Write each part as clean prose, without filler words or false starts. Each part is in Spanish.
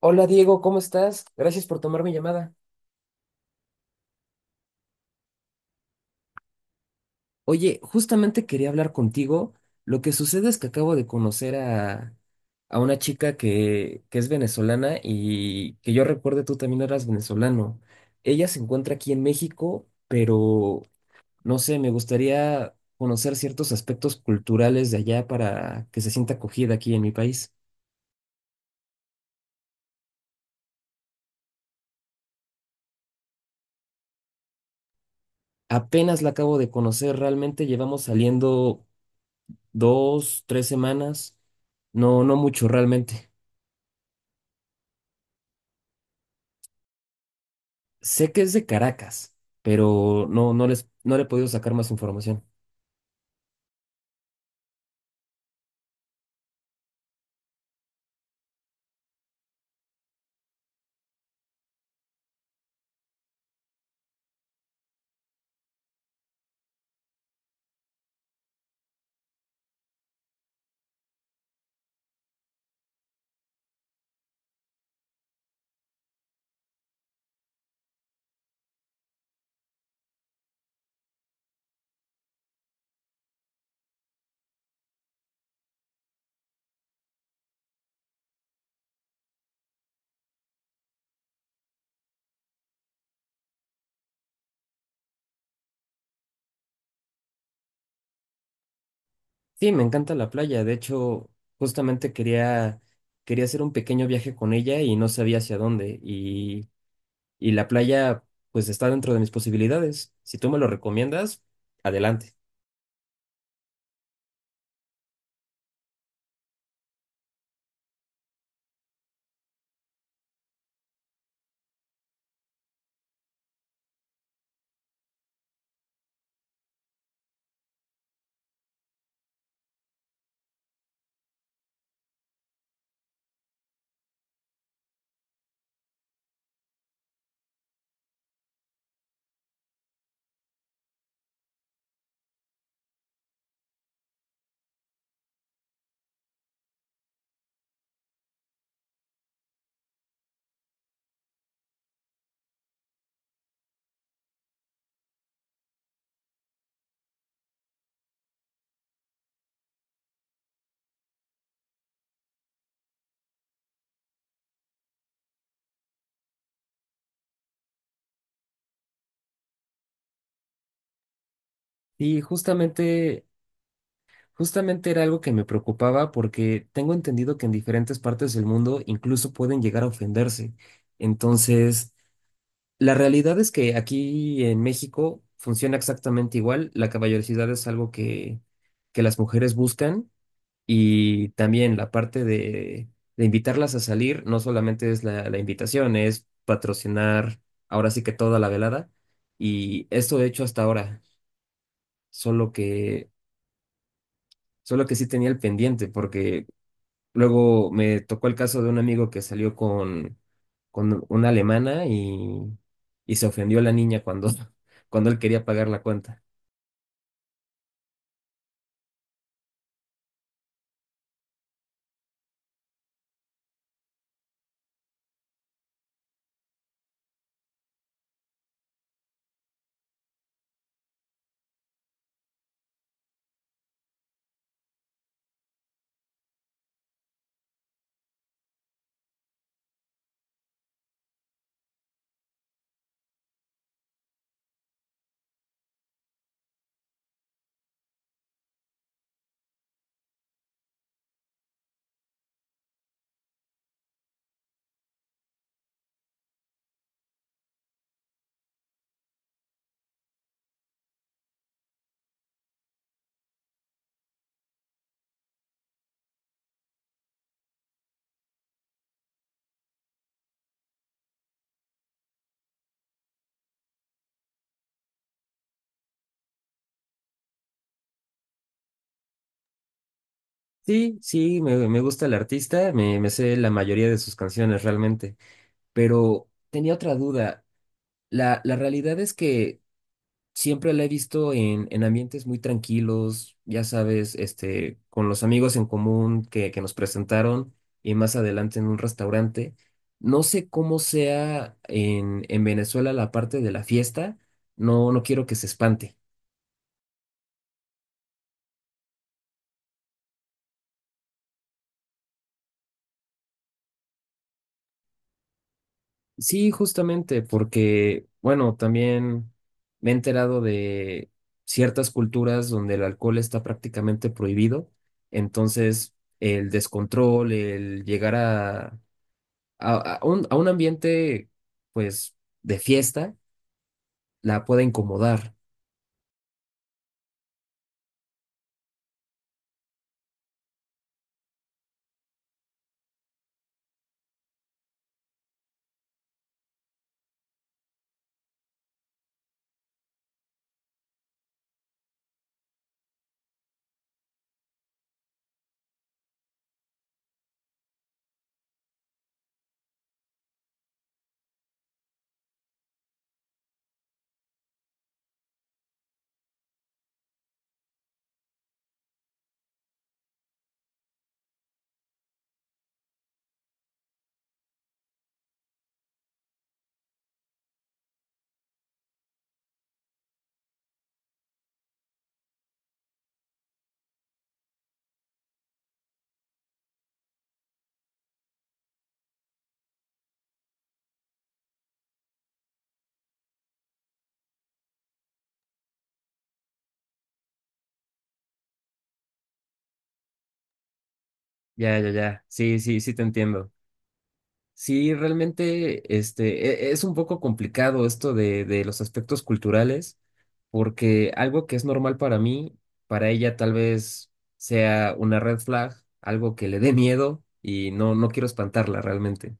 Hola Diego, ¿cómo estás? Gracias por tomar mi llamada. Oye, justamente quería hablar contigo. Lo que sucede es que acabo de conocer a una chica que es venezolana y que yo recuerde tú también eras venezolano. Ella se encuentra aquí en México, pero no sé, me gustaría conocer ciertos aspectos culturales de allá para que se sienta acogida aquí en mi país. Apenas la acabo de conocer, realmente llevamos saliendo dos, tres semanas. No, no mucho realmente. Sé que es de Caracas, pero no le he podido sacar más información. Sí, me encanta la playa. De hecho, justamente quería, quería hacer un pequeño viaje con ella y no sabía hacia dónde. Y la playa, pues está dentro de mis posibilidades. Si tú me lo recomiendas, adelante. Y justamente, justamente era algo que me preocupaba porque tengo entendido que en diferentes partes del mundo incluso pueden llegar a ofenderse. Entonces, la realidad es que aquí en México funciona exactamente igual. La caballerosidad es algo que las mujeres buscan, y también la parte de invitarlas a salir no solamente es la invitación, es patrocinar ahora sí que toda la velada. Y esto he hecho hasta ahora, solo que, solo que sí tenía el pendiente porque luego me tocó el caso de un amigo que salió con una alemana y se ofendió la niña cuando, cuando él quería pagar la cuenta. Sí, sí, me gusta el artista, me sé la mayoría de sus canciones realmente, pero tenía otra duda. La realidad es que siempre la he visto en ambientes muy tranquilos, ya sabes, este, con los amigos en común que nos presentaron y más adelante en un restaurante. No sé cómo sea en Venezuela la parte de la fiesta, no, no quiero que se espante. Sí, justamente, porque, bueno, también me he enterado de ciertas culturas donde el alcohol está prácticamente prohibido, entonces el descontrol, el llegar a un ambiente, pues, de fiesta, la pueda incomodar. Ya, ya, ya. Sí, sí, sí te entiendo. Sí, realmente, este, es un poco complicado esto de los aspectos culturales, porque algo que es normal para mí, para ella tal vez sea una red flag, algo que le dé miedo y no, no quiero espantarla realmente.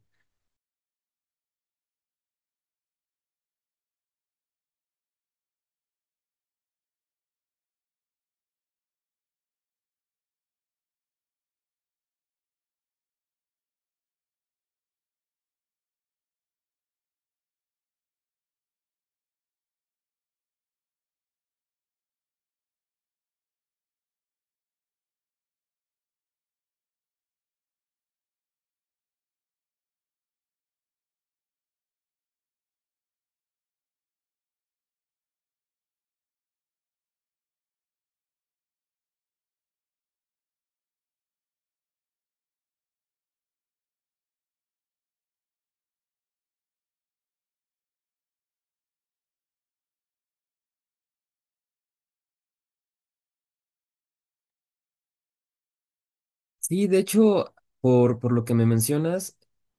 Sí, de hecho, por lo que me mencionas,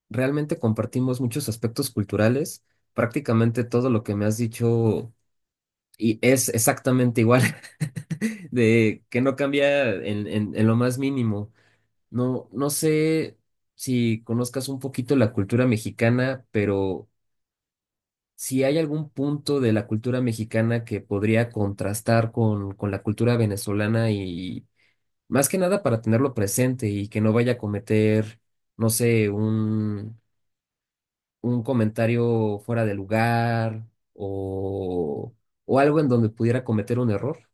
realmente compartimos muchos aspectos culturales. Prácticamente todo lo que me has dicho y es exactamente igual, de que no cambia en lo más mínimo. No, no sé si conozcas un poquito la cultura mexicana, pero si hay algún punto de la cultura mexicana que podría contrastar con la cultura venezolana y más que nada para tenerlo presente y que no vaya a cometer, no sé, un comentario fuera de lugar o, o algo en donde pudiera cometer un error.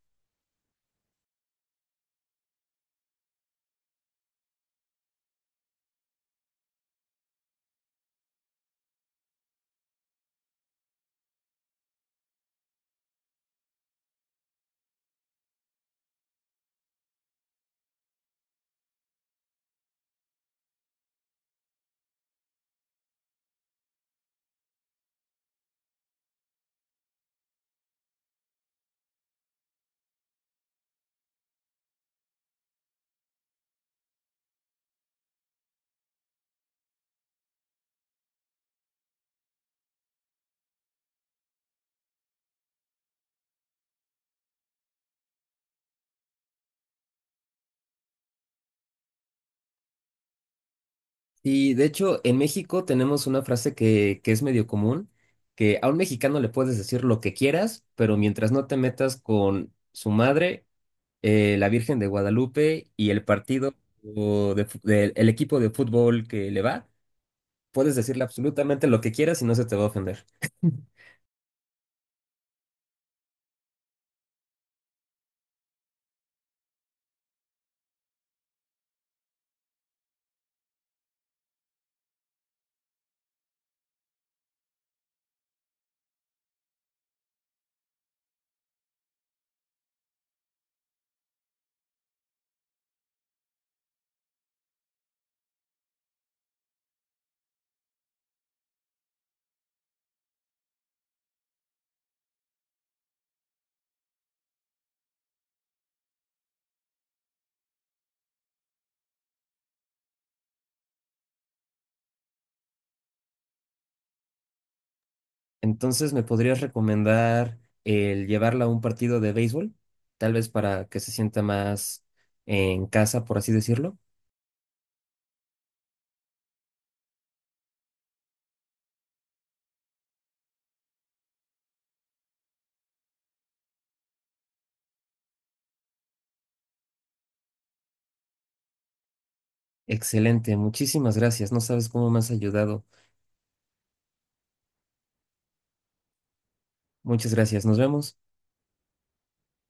Y de hecho, en México tenemos una frase que es medio común, que a un mexicano le puedes decir lo que quieras, pero mientras no te metas con su madre, la Virgen de Guadalupe y el partido o de fu- del- el equipo de fútbol que le va, puedes decirle absolutamente lo que quieras y no se te va a ofender. Entonces, ¿me podrías recomendar el llevarla a un partido de béisbol? Tal vez para que se sienta más en casa, por así decirlo. Excelente, muchísimas gracias. No sabes cómo me has ayudado. Muchas gracias. Nos vemos.